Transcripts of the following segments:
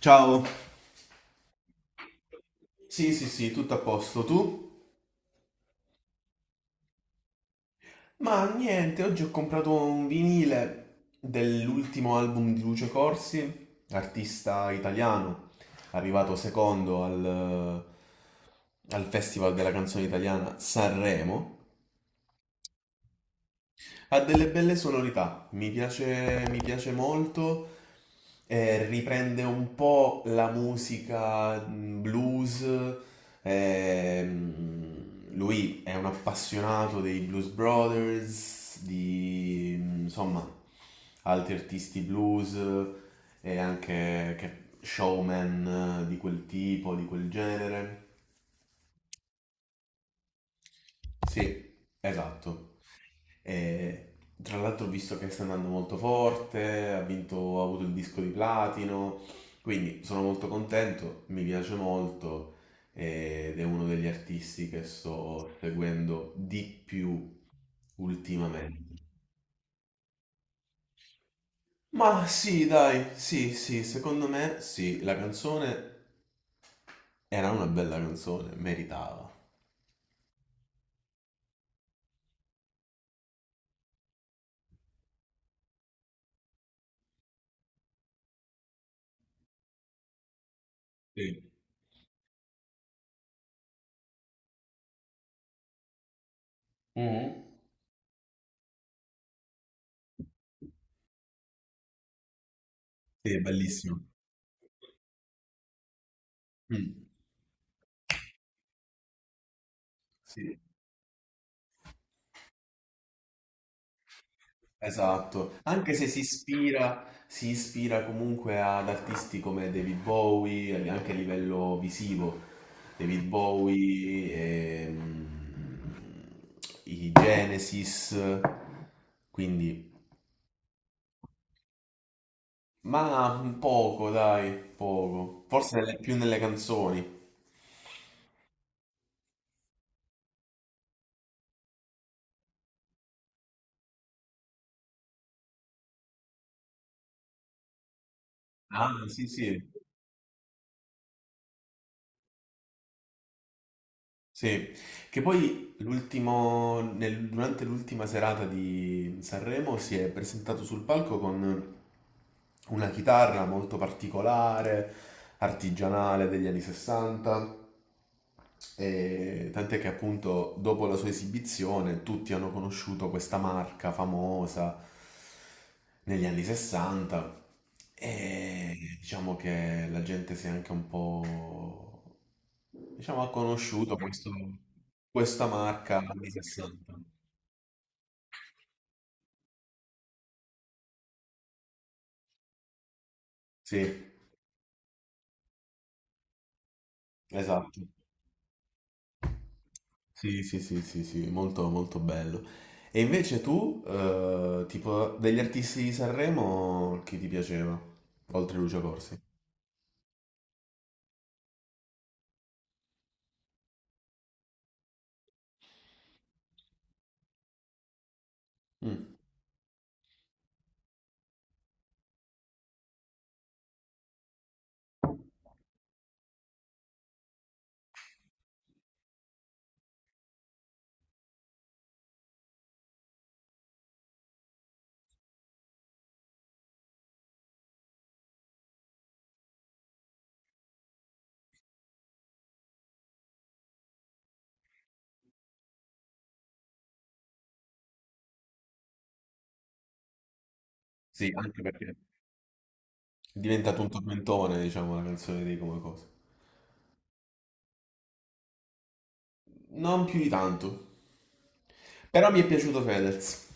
Ciao. Sì, sì, sì, tutto a posto. Tu? Ma niente, oggi ho comprato un vinile dell'ultimo album di Lucio Corsi, artista italiano, arrivato secondo al Festival della canzone italiana Sanremo. Ha delle belle sonorità, mi piace molto. Riprende un po' la musica blues. ehm, lui è un appassionato dei Blues Brothers, di insomma altri artisti blues e anche showman di quel tipo, di quel genere. Sì, esatto. E, tra l'altro ho visto che sta andando molto forte, ha vinto, ha avuto il disco di platino, quindi sono molto contento, mi piace molto ed è uno degli artisti che sto seguendo di più ultimamente. Ma sì, dai, sì, sì, secondo me sì, la canzone era una bella canzone, meritava. Sì. Mhm. Sì, è bellissimo. Mm. Sì. Esatto, anche se si ispira, si ispira comunque ad artisti come David Bowie, anche a livello visivo, David Bowie, ehm, i Genesis, quindi, ma poco, dai, poco, forse più nelle canzoni. Ah, sì, sì. Sì, che poi l'ultimo, durante l'ultima serata di Sanremo si è presentato sul palco con una chitarra molto particolare, artigianale degli anni 60, e tant'è che appunto dopo la sua esibizione tutti hanno conosciuto questa marca famosa negli anni 60 e diciamo che la gente si è anche un po'. Diciamo ha conosciuto questa marca anni 60. Sì, esatto. Sì, sì, sì, sì, sì, molto, molto bello. E invece tu, tipo, degli artisti di Sanremo, chi ti piaceva? Oltre Lucio Corsi. Mm. Sì, anche perché è diventato un tormentone, diciamo, la canzone di Come Cosa. Non più di tanto. Però mi è piaciuto Fedez.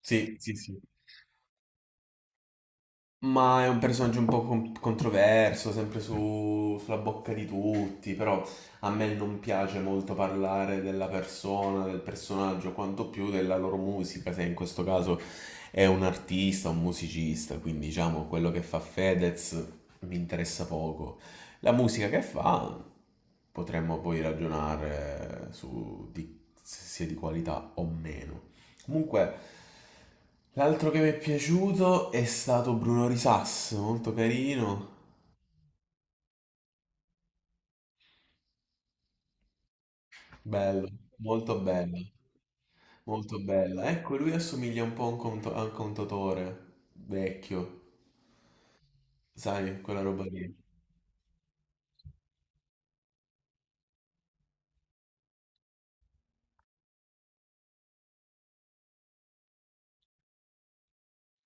Sì, sì, sì. Ma è un personaggio un po' controverso, sempre sulla bocca di tutti, però a me non piace molto parlare della persona, del personaggio, quanto più della loro musica, se in questo caso è un artista, un musicista, quindi diciamo quello che fa Fedez mi interessa poco. La musica che fa potremmo poi ragionare su di, se sia di qualità o meno. Comunque, l'altro che mi è piaciuto è stato Bruno Risas, molto carino, bello, bello, molto bella. Ecco, lui assomiglia un po' a un, a un contatore vecchio, sai, quella roba lì.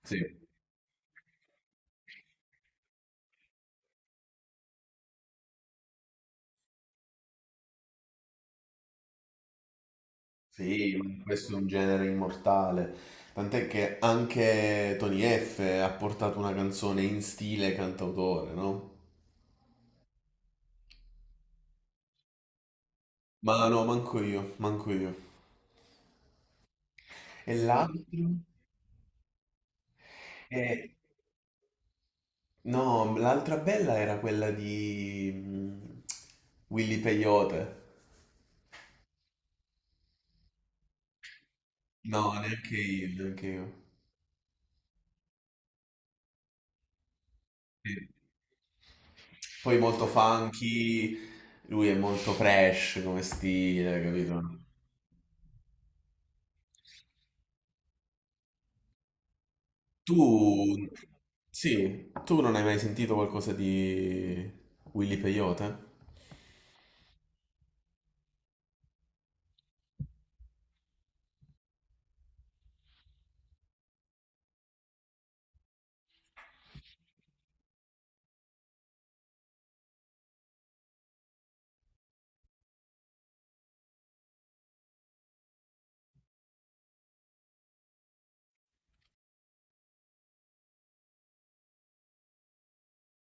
Sì, sì, ma questo è un genere immortale. Tant'è che anche Tony F ha portato una canzone in stile cantautore, no? Ma no, manco io, manco io. E l'altro? No, l'altra bella era quella di Willy Peyote. No, neanche io, neanche io. Sì. Poi molto funky, lui è molto fresh come stile, capito? Tu, sì, tu non hai mai sentito qualcosa di Willy Peyote?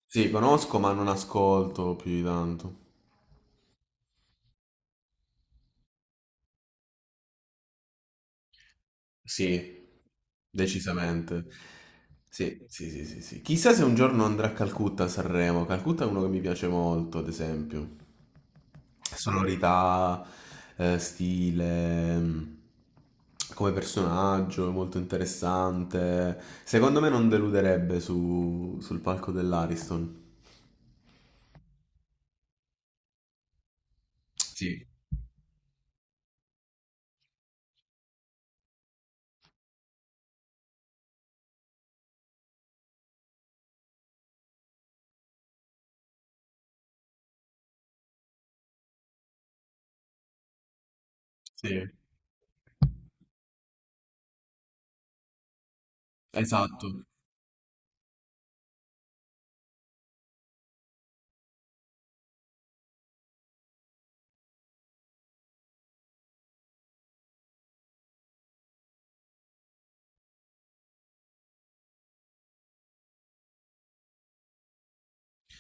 Sì, conosco, ma non ascolto più di tanto. Sì, decisamente. Sì, sì, sì, sì, sì. Chissà se un giorno andrà a Calcutta a Sanremo. Calcutta è uno che mi piace molto, ad esempio. Sonorità, stile, come personaggio, molto interessante. Secondo me non deluderebbe sul palco dell'Ariston. Sì, sì, esatto.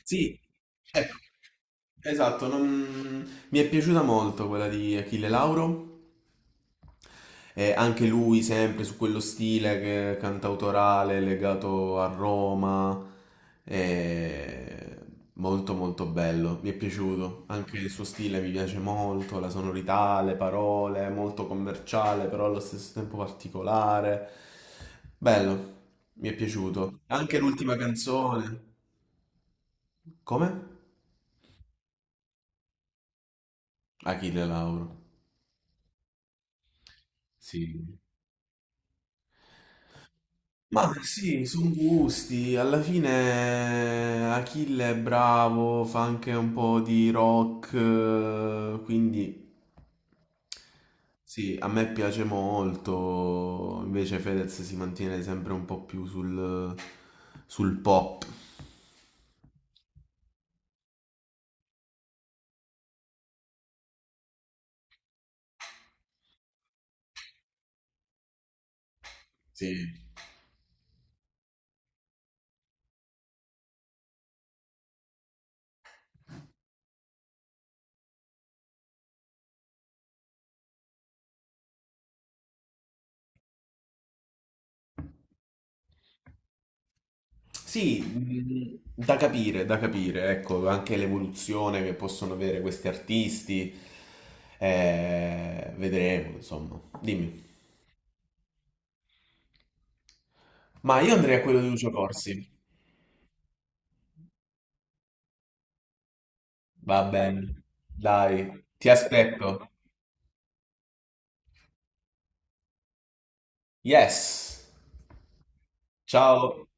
Sì, ecco, esatto. Mi è piaciuta molto quella di Achille Lauro. Anche lui sempre su quello stile cantautorale legato a Roma, eh, molto molto bello, mi è piaciuto, anche il suo stile mi piace molto, la sonorità, le parole, molto commerciale però allo stesso tempo particolare, bello, mi è piaciuto. Anche l'ultima canzone, come? Achille Lauro, sì. Ma sì, sono gusti. Alla fine Achille è bravo, fa anche un po' di rock, quindi sì, a me piace molto. Invece Fedez si mantiene sempre un po' più sul, sul pop. Sì. Sì, da capire, ecco, anche l'evoluzione che possono avere questi artisti. Vedremo, insomma. Dimmi. Ma io andrei a quello di Lucio Corsi. Va bene, dai, ti aspetto. Yes. Ciao.